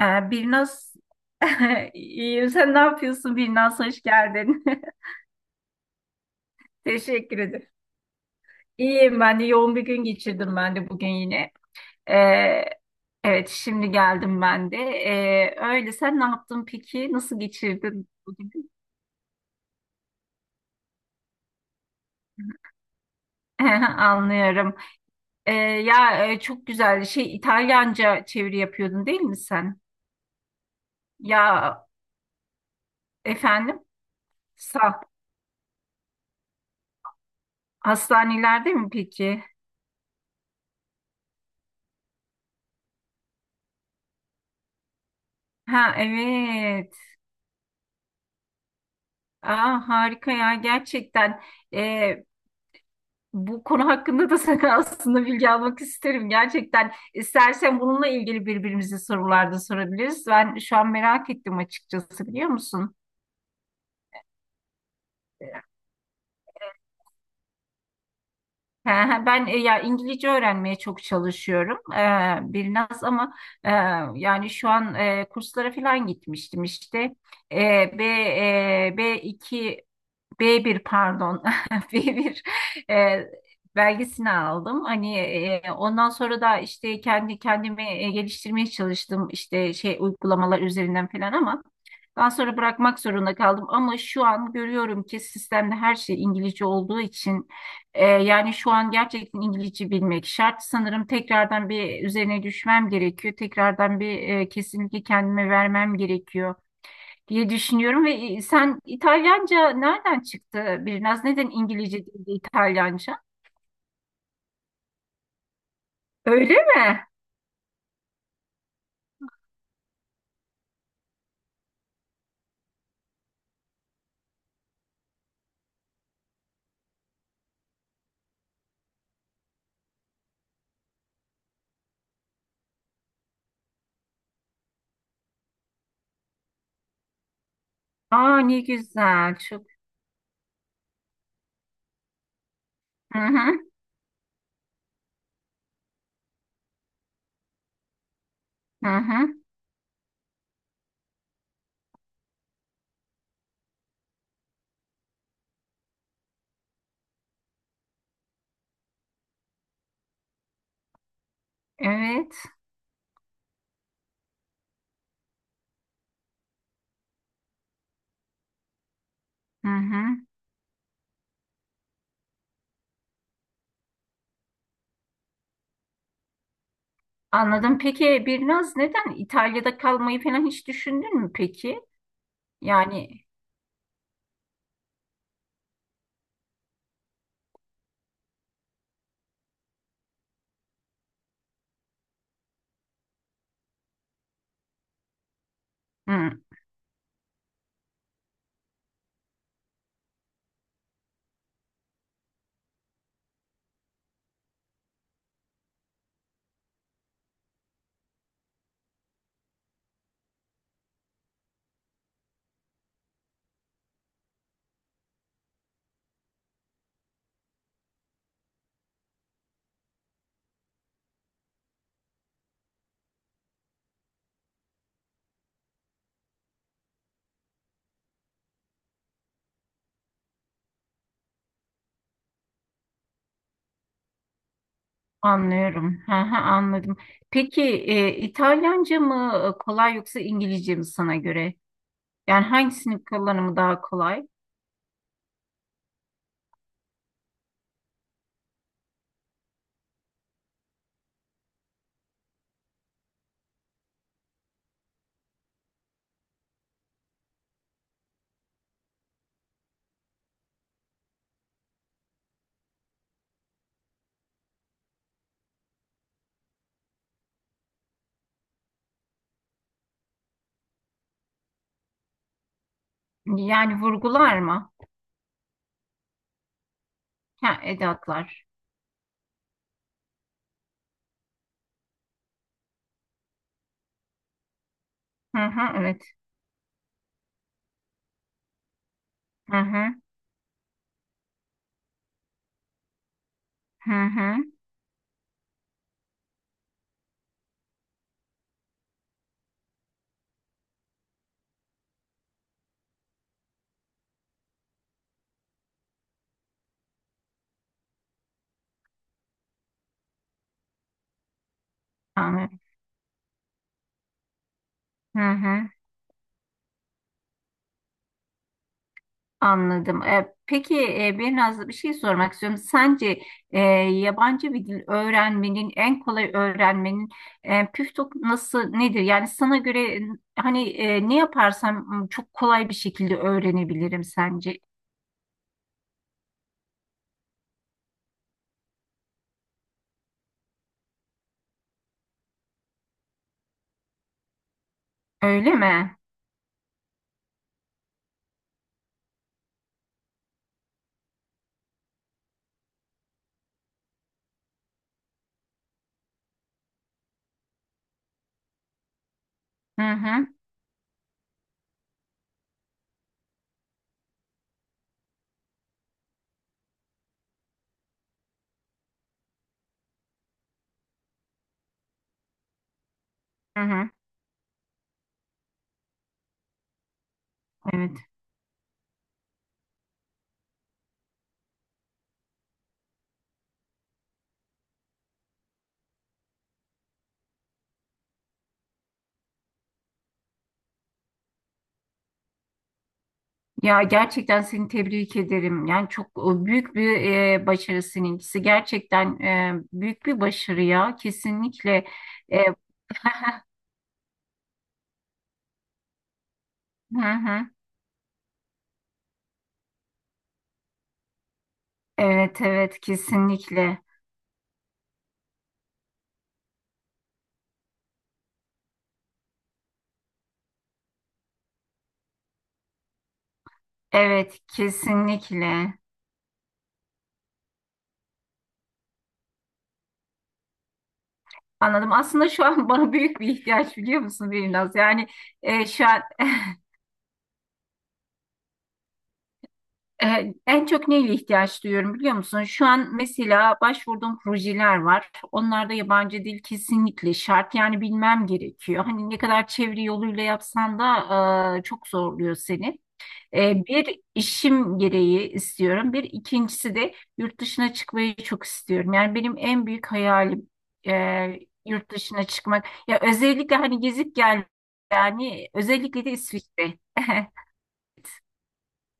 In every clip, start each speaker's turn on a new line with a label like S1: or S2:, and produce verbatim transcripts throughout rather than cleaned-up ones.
S1: Ee, Birnaz, iyiyim. Sen ne yapıyorsun Birnaz? Hoş geldin. Teşekkür ederim. İyiyim ben de. Yoğun bir gün geçirdim ben de bugün yine. Ee, evet, şimdi geldim ben de. Ee, öyle. Sen ne yaptın peki? Nasıl geçirdin bugün? Anlıyorum. Ee, ya, e, çok güzel. Şey, İtalyanca çeviri yapıyordun değil mi sen? Ya, efendim? Sağ. Hastanelerde mi peki? Ha, evet. Aa, harika ya, gerçekten. Ee, Bu konu hakkında da sana aslında bilgi almak isterim, gerçekten istersen bununla ilgili birbirimize sorularda sorabiliriz. Ben şu an merak ettim açıkçası, biliyor musun? He, he, ben e, ya İngilizce öğrenmeye çok çalışıyorum e, biraz, ama e, yani şu an e, kurslara falan gitmiştim işte. E, B e, B iki, b bir, pardon, b bir e, belgesini aldım. Hani e, ondan sonra da işte kendi kendimi e, geliştirmeye çalıştım işte şey uygulamalar üzerinden falan, ama daha sonra bırakmak zorunda kaldım. Ama şu an görüyorum ki sistemde her şey İngilizce olduğu için e, yani şu an gerçekten İngilizce bilmek şart. Sanırım tekrardan bir üzerine düşmem gerekiyor. Tekrardan bir e, kesinlikle kendime vermem gerekiyor diye düşünüyorum. Ve e, sen İtalyanca nereden çıktı? Biraz neden İngilizce değil de İtalyanca? Öyle mi? Aa, ne güzel. Çok. Hı hı. Hı hı. Evet. Hı hı. Anladım. Peki Birnaz, neden İtalya'da kalmayı falan hiç düşündün mü peki? Yani, hı, anlıyorum. Hı hı, anladım. Peki e, İtalyanca mı e, kolay, yoksa İngilizce mi sana göre? Yani, hangisinin kullanımı daha kolay? Yani, vurgular mı? Ha, edatlar. Hı hı, evet. Hı hı, hı hı. Anladım. Hı hı, anladım. E, peki, e, bir Nazlı, bir şey sormak istiyorum. Sence e, yabancı bir dil öğrenmenin, en kolay öğrenmenin e, püf noktası nasıl, nedir? Yani sana göre e, hani e, ne yaparsam m, çok kolay bir şekilde öğrenebilirim sence. Öyle mi? Hı hı, hı hı. Evet. Ya, gerçekten seni tebrik ederim. Yani çok e, büyük bir e, başarı seninkisi. Gerçekten e, büyük bir başarı ya. Kesinlikle. E, hı hı. Evet, evet, kesinlikle. Evet, kesinlikle. Anladım. Aslında şu an bana büyük bir ihtiyaç, biliyor musun, biraz. Yani e, şu an Ee, en çok neyle ihtiyaç duyuyorum biliyor musun? Şu an mesela başvurduğum projeler var. Onlarda yabancı dil kesinlikle şart. Yani bilmem gerekiyor. Hani ne kadar çeviri yoluyla yapsan da e, çok zorluyor seni. Ee, bir, işim gereği istiyorum. Bir ikincisi de yurt dışına çıkmayı çok istiyorum. Yani benim en büyük hayalim e, yurt dışına çıkmak. Ya özellikle hani gezip gel, yani özellikle de İsviçre.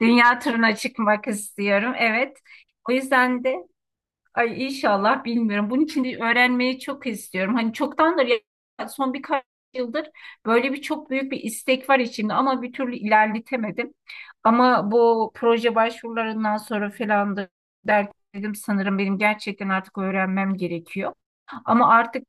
S1: Dünya turuna çıkmak istiyorum. Evet. O yüzden de ay inşallah, bilmiyorum. Bunun için de öğrenmeyi çok istiyorum. Hani çoktandır, ya- son birkaç yıldır böyle bir çok büyük bir istek var içimde, ama bir türlü ilerletemedim. Ama bu proje başvurularından sonra falan da dert dedim, sanırım benim gerçekten artık öğrenmem gerekiyor. Ama artık,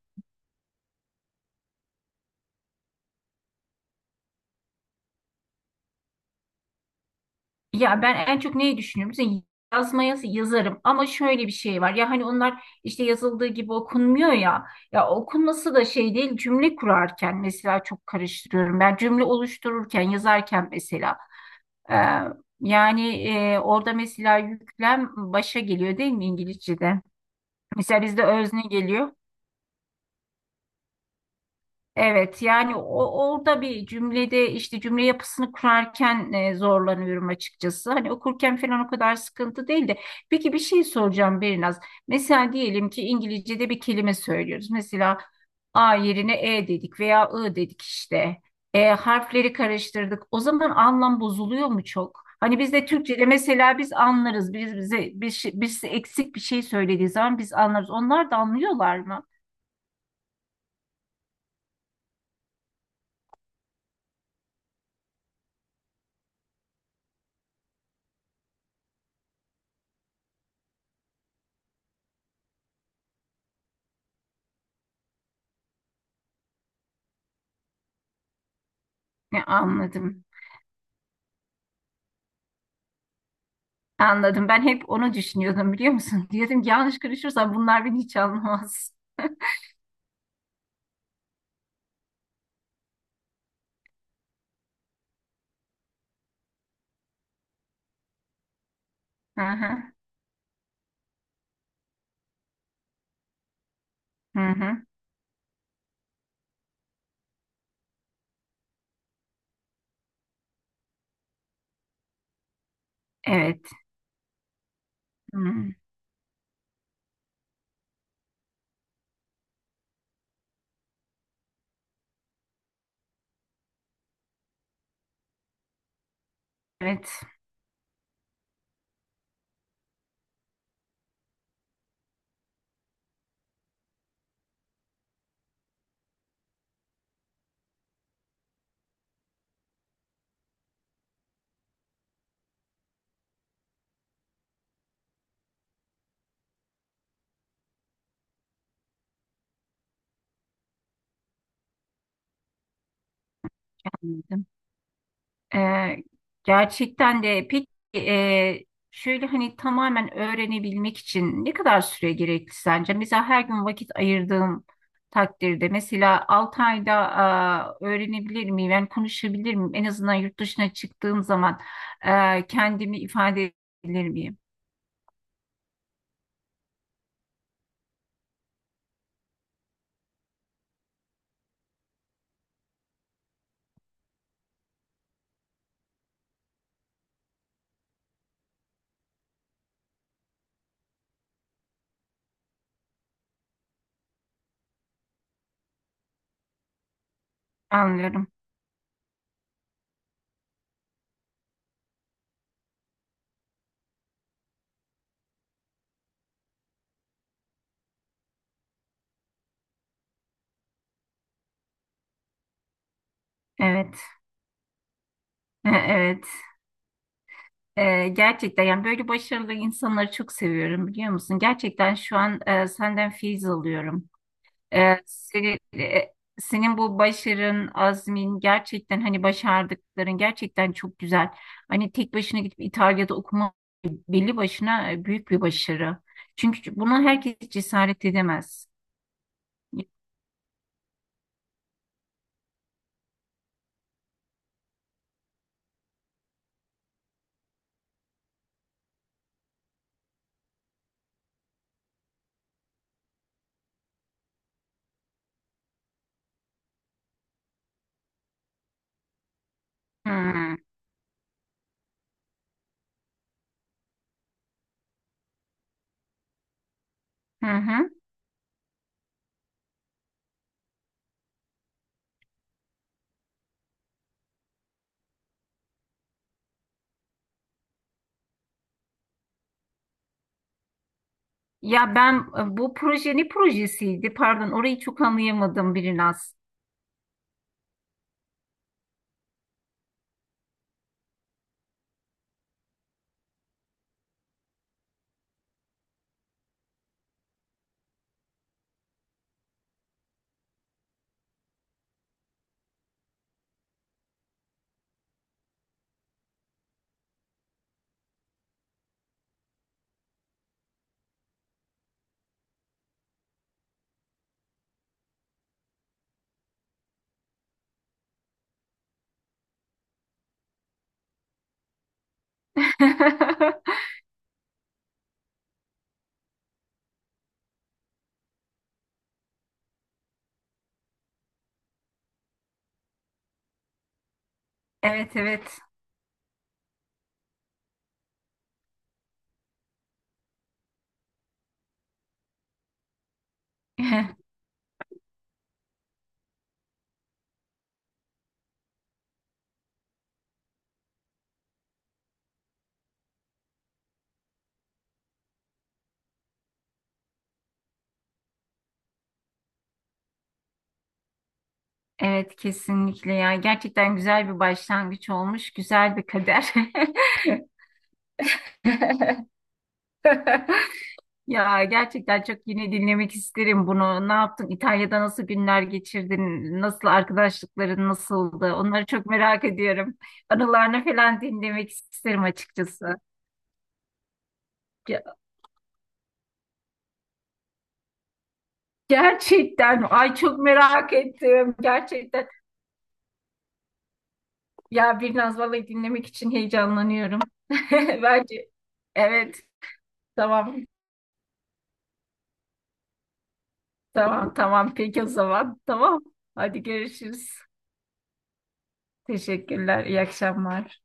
S1: ya ben en çok neyi düşünüyorum? Mesela yazmaya yazarım, ama şöyle bir şey var. Ya hani onlar işte yazıldığı gibi okunmuyor ya. Ya okunması da şey değil, cümle kurarken mesela çok karıştırıyorum. Ben cümle oluştururken, yazarken mesela e, yani e, orada mesela yüklem başa geliyor, değil mi İngilizce'de? Mesela bizde özne geliyor. Evet, yani o, orada, bir cümlede işte cümle yapısını kurarken e, zorlanıyorum açıkçası. Hani okurken falan o kadar sıkıntı değil de. Peki bir şey soracağım Berinaz. Mesela diyelim ki İngilizce'de bir kelime söylüyoruz. Mesela A yerine E dedik veya I dedik işte. E, harfleri karıştırdık. O zaman anlam bozuluyor mu çok? Hani biz de Türkçe'de mesela biz anlarız. Biz bize bir şey- birisi eksik bir şey söylediği zaman biz anlarız. Onlar da anlıyorlar mı? Ne, anladım. Anladım. Ben hep onu düşünüyordum, biliyor musun? Diyordum ki yanlış konuşursam bunlar beni hiç anlamaz. Hı hı. Hı hı. Evet. Hı. Evet. Anladım. Ee, gerçekten de, peki e, şöyle hani tamamen öğrenebilmek için ne kadar süre gerekli sence? Mesela her gün vakit ayırdığım takdirde, mesela altı ayda, aa, öğrenebilir miyim? Yani konuşabilir miyim? En azından yurt dışına çıktığım zaman e, kendimi ifade edebilir miyim? Anlıyorum. Evet. E, evet. Ee, gerçekten, yani böyle başarılı insanları çok seviyorum, biliyor musun? Gerçekten şu an e, senden feyiz alıyorum. Ee, seni, e, senin bu başarın, azmin, gerçekten hani başardıkların gerçekten çok güzel. Hani tek başına gidip İtalya'da okuma, belli başına e, büyük bir başarı. Çünkü buna herkes cesaret edemez. Hmm. Hı hı. Ya ben e, bu proje ne projesiydi? Pardon, orayı çok anlayamadım Birinaz. Evet, evet. Evet, kesinlikle ya. Gerçekten güzel bir başlangıç olmuş. Güzel bir kader. Ya gerçekten çok yine dinlemek isterim bunu. Ne yaptın? İtalya'da nasıl günler geçirdin? Nasıl, arkadaşlıkların nasıldı? Onları çok merak ediyorum. Anılarını falan dinlemek isterim açıkçası. Ge- Gerçekten mi? Ay, çok merak ettim. Gerçekten ya, bir Vallahi dinlemek için heyecanlanıyorum. Bence evet, tamam. Tamam, tamam, peki o zaman. Tamam. Hadi görüşürüz. Teşekkürler. İyi akşamlar.